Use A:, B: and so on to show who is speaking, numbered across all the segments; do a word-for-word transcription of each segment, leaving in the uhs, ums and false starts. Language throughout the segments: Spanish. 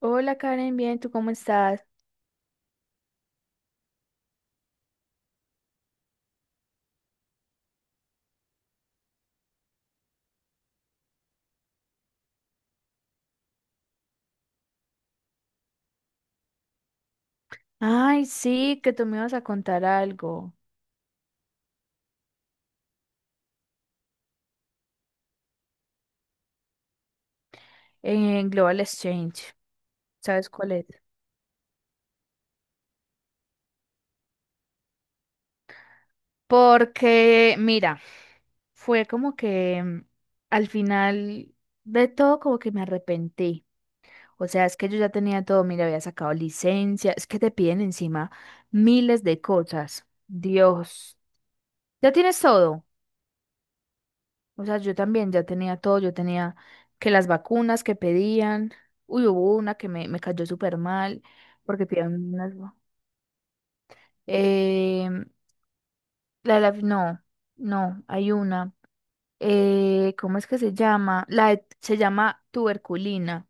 A: Hola Karen, bien, ¿tú cómo estás? Ay, sí, que tú me ibas a contar algo en Global Exchange. ¿Sabes cuál es? Porque, mira, fue como que mm, al final de todo como que me arrepentí. O sea, es que yo ya tenía todo, mira, había sacado licencia, es que te piden encima miles de cosas. Dios, ya tienes todo. O sea, yo también ya tenía todo, yo tenía que las vacunas que pedían, uy, hubo una que me, me cayó súper mal, porque pidieron unas va- Eh, la de la- no, no, hay una. Eh, ¿cómo es que se llama? La de- se llama tuberculina.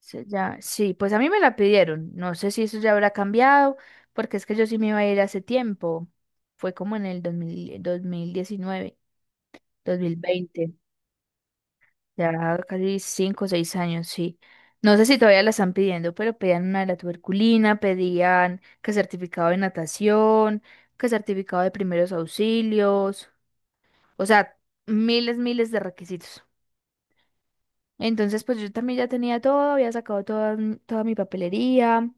A: Se llama- sí, pues a mí me la pidieron. No sé si eso ya habrá cambiado, porque es que yo sí me iba a ir hace tiempo. Fue como en el dos dos mil dos mil diecinueve dos mil veinte. Ya casi cinco o seis años, sí. No sé si todavía la están pidiendo, pero pedían una de la tuberculina, pedían que certificado de natación, que certificado de primeros auxilios, o sea, miles, miles de requisitos. Entonces, pues yo también ya tenía todo, había sacado toda, m- toda mi papelería,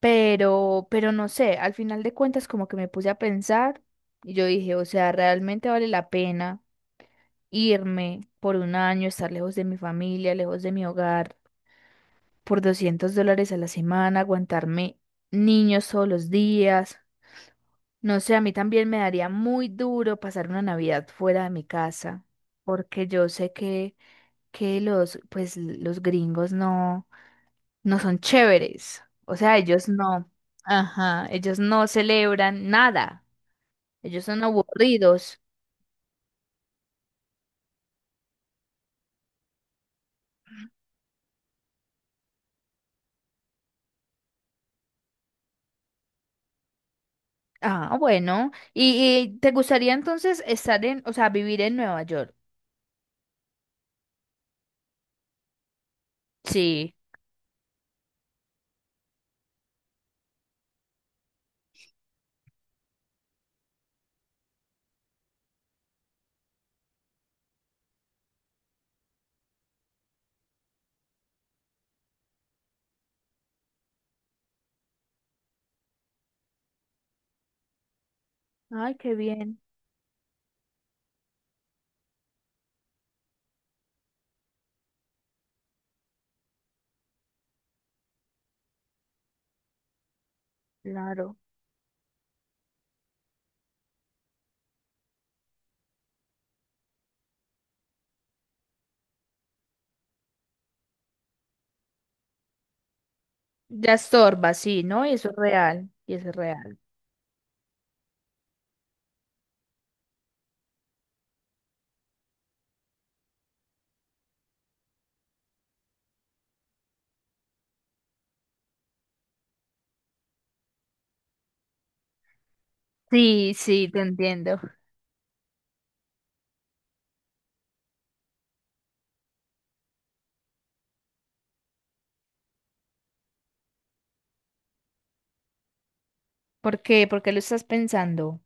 A: pero, pero no sé, al final de cuentas como que me puse a pensar y yo dije, o sea, realmente vale la pena irme por un año, estar lejos de mi familia, lejos de mi hogar por doscientos dólares a la semana, aguantarme niños todos los días. No sé, a mí también me daría muy duro pasar una Navidad fuera de mi casa, porque yo sé que, que los, pues, los gringos no, no son chéveres. O sea, ellos no, ajá, ellos no celebran nada. Ellos son aburridos. Ah, bueno. ¿Y, y te gustaría entonces estar en, o sea, vivir en Nueva York? Sí. Ay, qué bien, claro. Ya estorba, sí, ¿no? Y eso es real, y eso es real. Sí, sí, te entiendo. ¿Por qué? ¿Por qué lo estás pensando?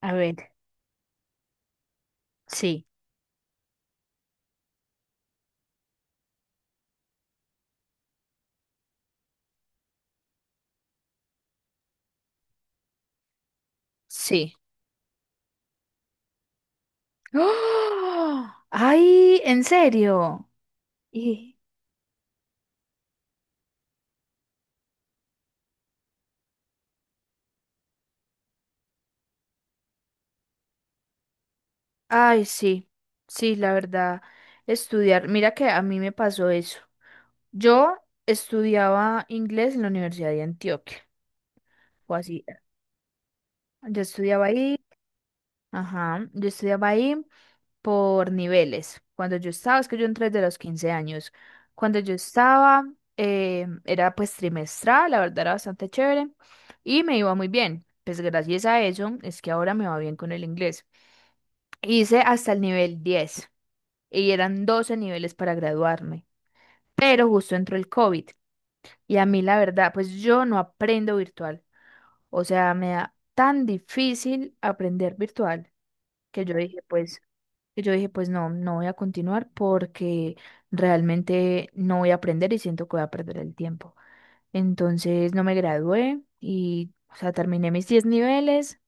A: A ver, sí, sí. ¡Ah! ¡Ay! ¿En serio? Y, ay, sí, sí, la verdad, estudiar. Mira que a mí me pasó eso. Yo estudiaba inglés en la Universidad de Antioquia, o así. Yo estudiaba ahí. Ajá, yo estudiaba ahí por niveles. Cuando yo estaba, es que yo entré desde los quince años. Cuando yo estaba, eh, era pues trimestral, la verdad era bastante chévere y me iba muy bien. Pues gracias a eso es que ahora me va bien con el inglés. Hice hasta el nivel diez y eran doce niveles para graduarme, pero justo entró el COVID y a mí la verdad, pues yo no aprendo virtual. O sea, me da tan difícil aprender virtual que yo dije, pues. Y yo dije, pues no, no voy a continuar porque realmente no voy a aprender y siento que voy a perder el tiempo. Entonces no me gradué y, o sea, terminé mis diez niveles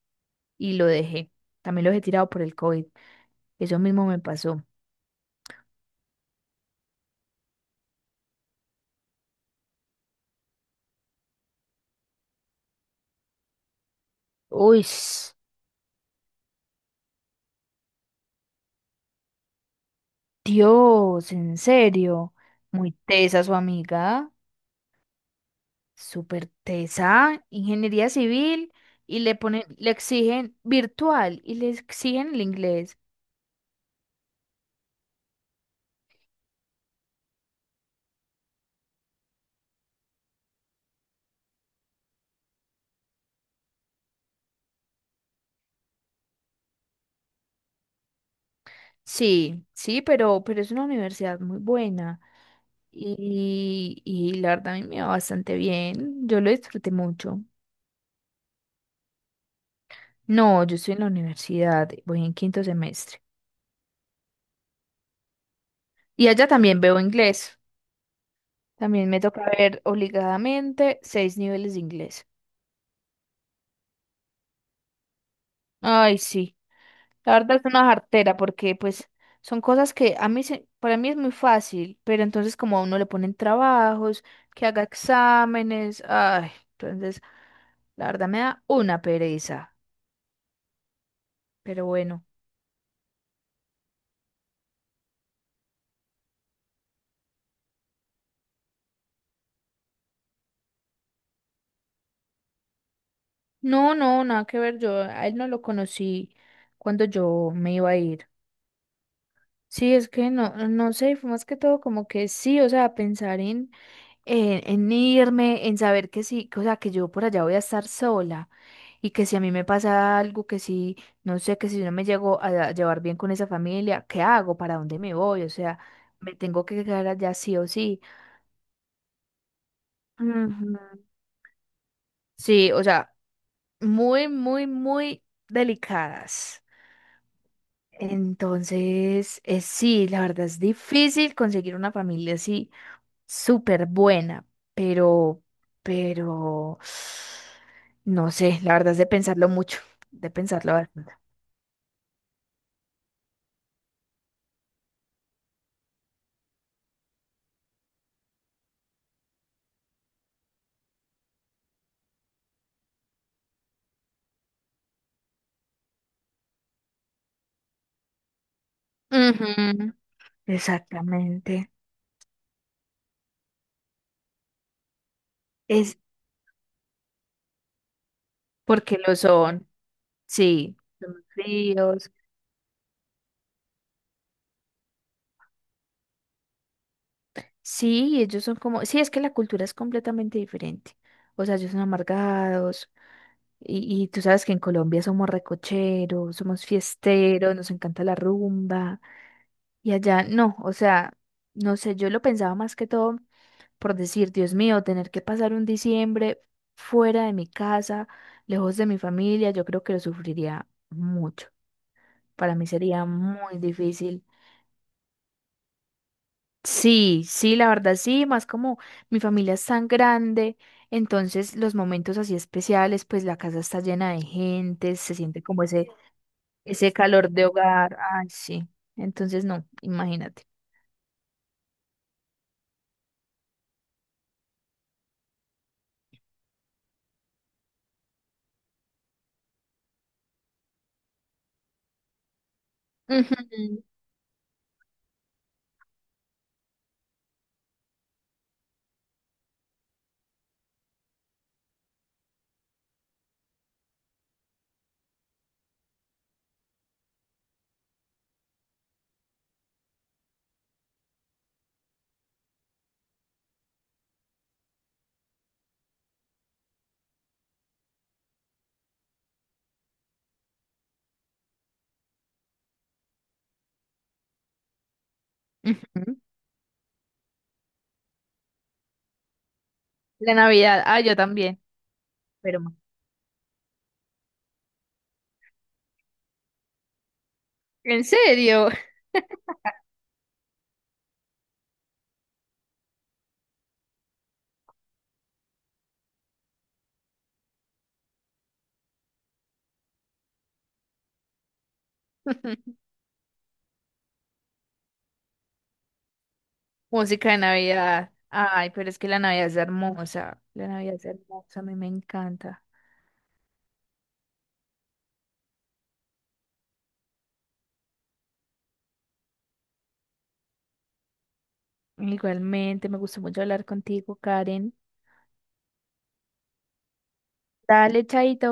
A: y lo dejé. También lo he tirado por el COVID. Eso mismo me pasó. Uy, s- Dios, en serio. Muy tesa su amiga, súper tesa, ingeniería civil y le ponen, le exigen virtual y le exigen el inglés. Sí, sí, pero, pero es una universidad muy buena y, y la verdad a mí me va bastante bien. Yo lo disfruté mucho. No, yo estoy en la universidad, voy en quinto semestre. Y allá también veo inglés. También me toca ver obligadamente seis niveles de inglés. Ay, sí. La verdad es una jartera porque pues son cosas que a mí se- para mí es muy fácil, pero entonces como a uno le ponen trabajos, que haga exámenes, ay, entonces la verdad me da una pereza, pero bueno. No, no, nada que ver, yo a él no lo conocí cuando yo me iba a ir. Sí, es que no, no sé, fue más que todo como que sí, o sea, pensar en en, en irme, en saber que sí, que, o sea, que yo por allá voy a estar sola y que si a mí me pasa algo, que si, no sé, que si yo no me llego a llevar bien con esa familia, ¿qué hago? ¿Para dónde me voy? O sea, me tengo que quedar allá sí o sí. Ujú. Sí, o sea, muy, muy, muy delicadas. Entonces, eh, sí, la verdad es difícil conseguir una familia así súper buena, pero, pero, no sé, la verdad es de pensarlo mucho, de pensarlo bastante. Ujú, exactamente. Es porque lo son. Sí, son fríos. Sí, ellos son como, sí, es que la cultura es completamente diferente. O sea, ellos son amargados. Y, y tú sabes que en Colombia somos recocheros, somos fiesteros, nos encanta la rumba. Y allá no, o sea, no sé, yo lo pensaba más que todo por decir, Dios mío, tener que pasar un diciembre fuera de mi casa, lejos de mi familia, yo creo que lo sufriría mucho. Para mí sería muy difícil. Sí, sí, la verdad sí, más como mi familia es tan grande, entonces los momentos así especiales, pues la casa está llena de gente, se siente como ese, ese calor de hogar. Ay, sí. Entonces no, imagínate. Ujú, ujú. La Navidad, ah, yo también, pero ma- ¿en serio? Música de Navidad. Ay, pero es que la Navidad es hermosa. La Navidad es hermosa, a mí me encanta. Igualmente, me gustó mucho hablar contigo, Karen. Dale, chaito.